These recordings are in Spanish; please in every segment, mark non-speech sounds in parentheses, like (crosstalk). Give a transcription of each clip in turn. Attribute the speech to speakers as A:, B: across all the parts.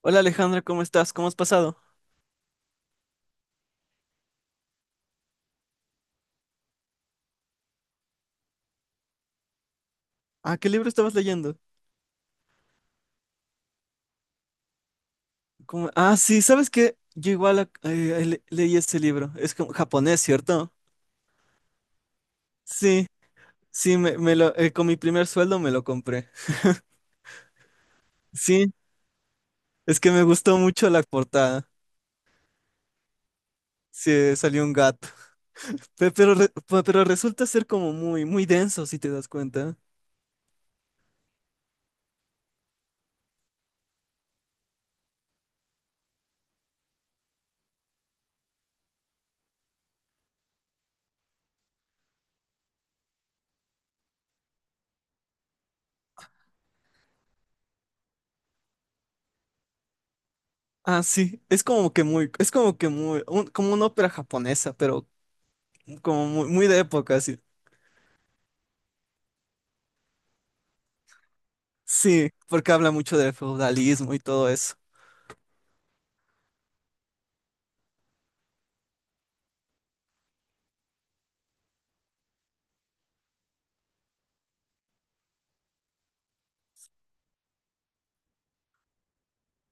A: Hola Alejandra, ¿cómo estás? ¿Cómo has pasado? Ah, ¿qué libro estabas leyendo? Ah, sí, ¿sabes qué? Yo igual leí ese libro. Es como japonés, ¿cierto? Sí, sí, me lo, con mi primer sueldo me lo compré. Sí, es que me gustó mucho la portada. Sí, salió un gato. Pero resulta ser como muy, muy denso, si te das cuenta. Ah, sí, es como que muy, es como que muy, un- como una ópera japonesa, pero como muy, muy de época, sí. Sí, porque habla mucho del feudalismo y todo eso.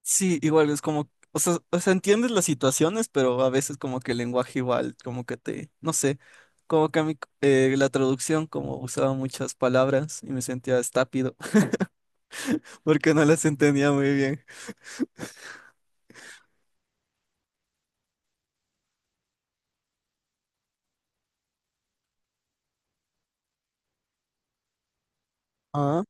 A: Sí, igual es como, o sea, entiendes las situaciones, pero a veces como que el lenguaje igual, como que te, no sé, como que a mí la traducción como usaba muchas palabras y me sentía estápido (laughs) porque no las entendía muy bien. Ah,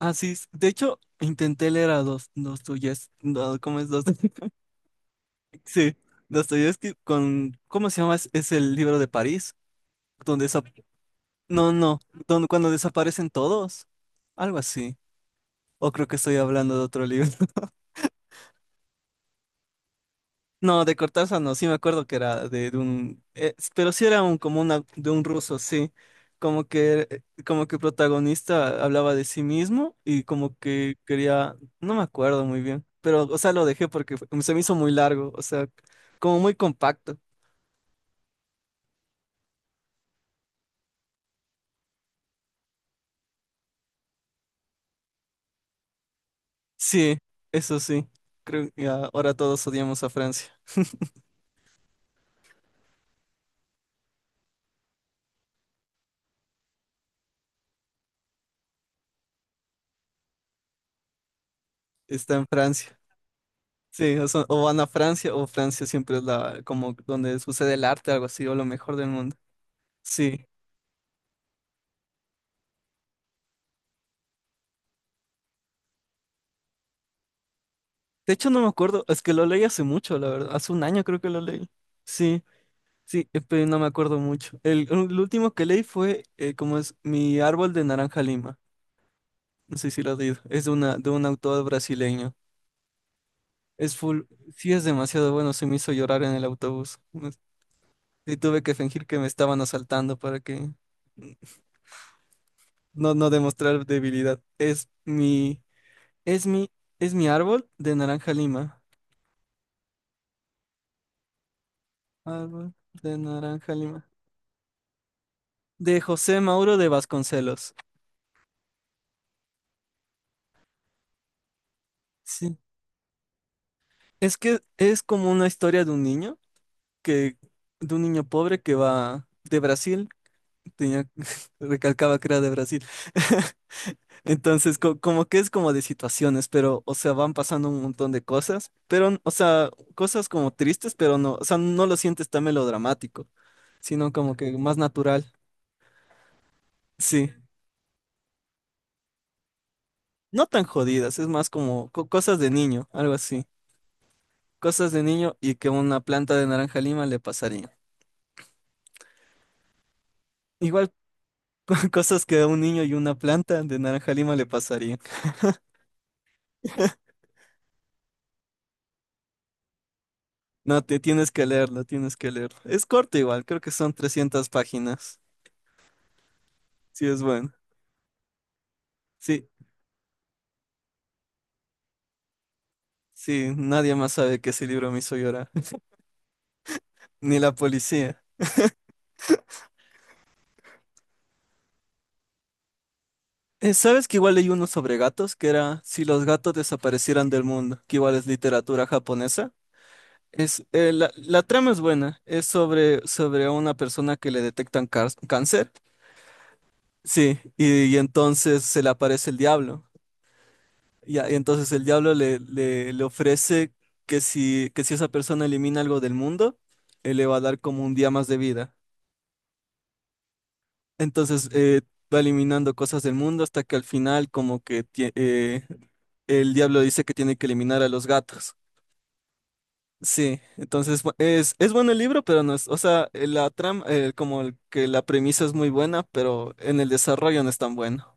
A: ah, sí, de hecho, intenté leer a dos, Dostoyevsky, no, ¿cómo es Dostoyevsky? (laughs) Sí, Dostoyevsky con, ¿cómo se llama? Es el libro de París, donde, no, no, donde, cuando desaparecen todos, algo así. O creo que estoy hablando de otro libro. No, de Cortázar no, sí me acuerdo que era de, pero sí era un, como una, de un ruso, sí, como que el protagonista hablaba de sí mismo y como que quería, no me acuerdo muy bien, pero, o sea, lo dejé porque se me hizo muy largo, o sea, como muy compacto. Sí, eso sí, creo que ahora todos odiamos a Francia, está en Francia, sí, o, sea, o van a Francia o Francia siempre es la, como donde sucede el arte, algo así, o lo mejor del mundo, sí. De hecho, no me acuerdo, es que lo leí hace mucho, la verdad, hace un año creo que lo leí. Sí, sí, pero no me acuerdo mucho. El último que leí fue, como es, Mi árbol de naranja lima. No sé si lo has leído, es de un autor brasileño. Es full, sí es demasiado bueno, se me hizo llorar en el autobús. Y tuve que fingir que me estaban asaltando para que no, no demostrar debilidad. Es mi, es mi, es mi árbol de naranja lima. Árbol de naranja lima, de José Mauro de Vasconcelos. Sí. Es que es como una historia que, de un niño pobre que va de Brasil, tenía, (laughs) recalcaba que era de Brasil. (laughs) Entonces, como que es como de situaciones, pero, o sea, van pasando un montón de cosas, pero, o sea, cosas como tristes, pero no, o sea, no lo sientes tan melodramático, sino como que más natural. Sí. No tan jodidas, es más como cosas de niño, algo así. Cosas de niño y que una planta de naranja lima le pasaría. Igual (laughs) cosas que a un niño y una planta de naranja lima le pasarían. (laughs) No, te tienes que leerlo, tienes que leerlo. Es corto igual, creo que son 300 páginas. Sí, es bueno. Sí, sí, nadie más sabe que ese libro me hizo llorar, (laughs) ni la policía. ¿Sabes que igual leí uno sobre gatos? Que era Si los gatos desaparecieran del mundo, que igual es literatura japonesa. La trama es buena, es sobre a una persona que le detectan cáncer. Sí, y entonces se le aparece el diablo. Y entonces el diablo le ofrece que si esa persona elimina algo del mundo, él le va a dar como un día más de vida. Entonces va eliminando cosas del mundo hasta que al final como que el diablo dice que tiene que eliminar a los gatos. Sí, entonces es bueno el libro, pero no es, o sea, la trama, como que la premisa es muy buena, pero en el desarrollo no es tan bueno.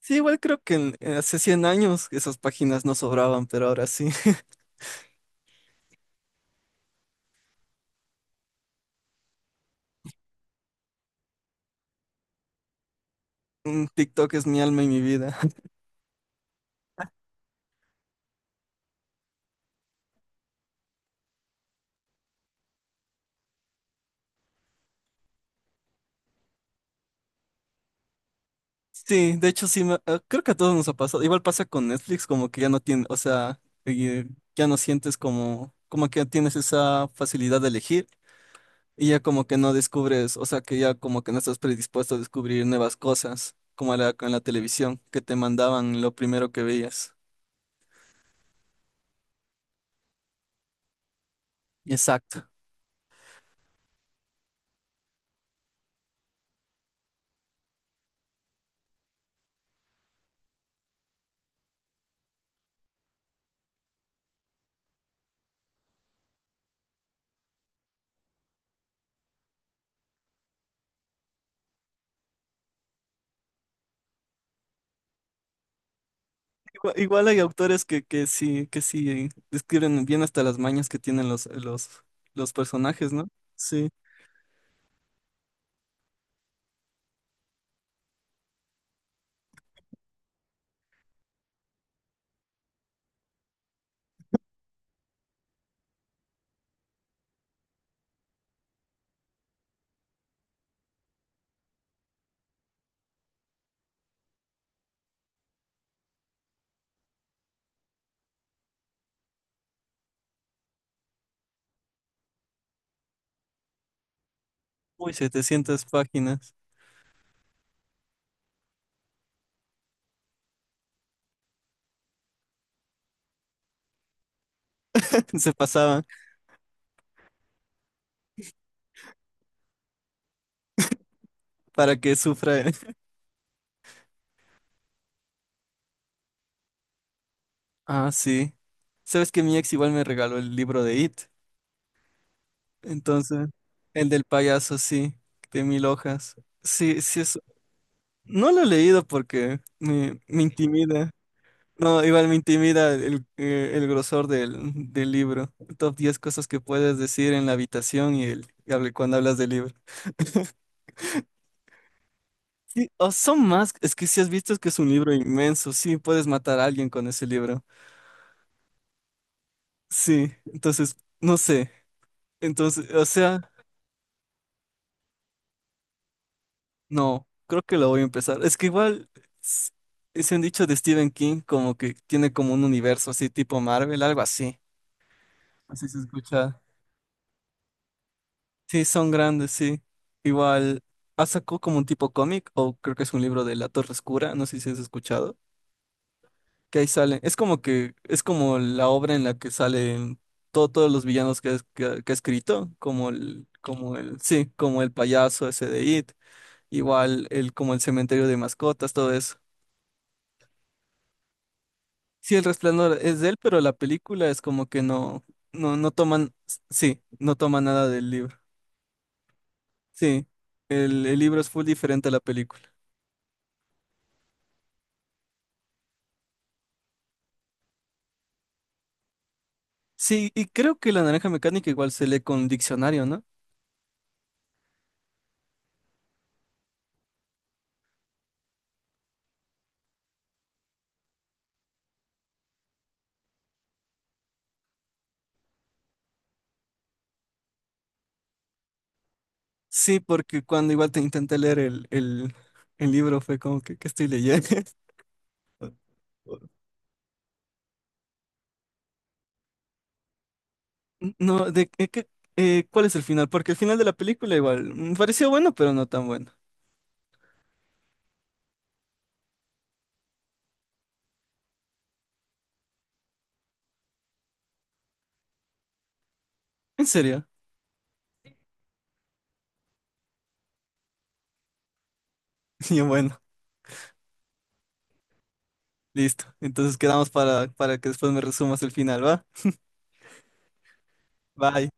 A: Sí, igual creo que en hace 100 años esas páginas no sobraban, pero ahora sí. (laughs) TikTok es mi alma y mi vida. (laughs) Sí, de hecho sí, creo que a todos nos ha pasado. Igual pasa con Netflix, como que ya no tiene, o sea, ya no sientes como, que tienes esa facilidad de elegir y ya como que no descubres, o sea, que ya como que no estás predispuesto a descubrir nuevas cosas, como con la televisión, que te mandaban lo primero que veías. Exacto. Igual hay autores que, que sí describen bien hasta las mañas que tienen los personajes, ¿no? Sí. Uy, 700 páginas. (laughs) Se pasaban para que sufra. (laughs) Ah, sí. Sabes que mi ex igual me regaló el libro de It. Entonces, el del payaso, sí, de 1.000 hojas. Sí, sí, eso. No lo he leído porque me intimida. No, igual me intimida el grosor del libro. Top 10 cosas que puedes decir en la habitación y cuando hablas del libro. Sí, o son más, es que si has visto es que es un libro inmenso, sí, puedes matar a alguien con ese libro. Sí, entonces, no sé. Entonces, o sea, no, creo que lo voy a empezar. Es que igual, s- se han dicho de Stephen King como que tiene como un universo así tipo Marvel, algo así. Así se escucha. Sí, son grandes, sí. Igual, ha sacado como un tipo cómic, o creo que es un libro de La Torre Oscura, no sé si has escuchado, que ahí sale. Es como la obra en la que salen todos los villanos que ha escrito, como el, sí, como el payaso ese de It, igual como el cementerio de mascotas, todo eso. Sí, El Resplandor es de él, pero la película es como que no, no, no toman, sí, no toma nada del libro. Sí, el libro es full diferente a la película. Sí, y creo que la naranja mecánica igual se lee con diccionario, ¿no? Sí, porque cuando igual te intenté leer el libro fue como que, ¿qué estoy leyendo? (laughs) No, ¿cuál es el final? Porque el final de la película igual me pareció bueno, pero no tan bueno. ¿En serio? (laughs) Y yo, bueno, listo. Entonces quedamos para que después me resumas el final, ¿va? Bye.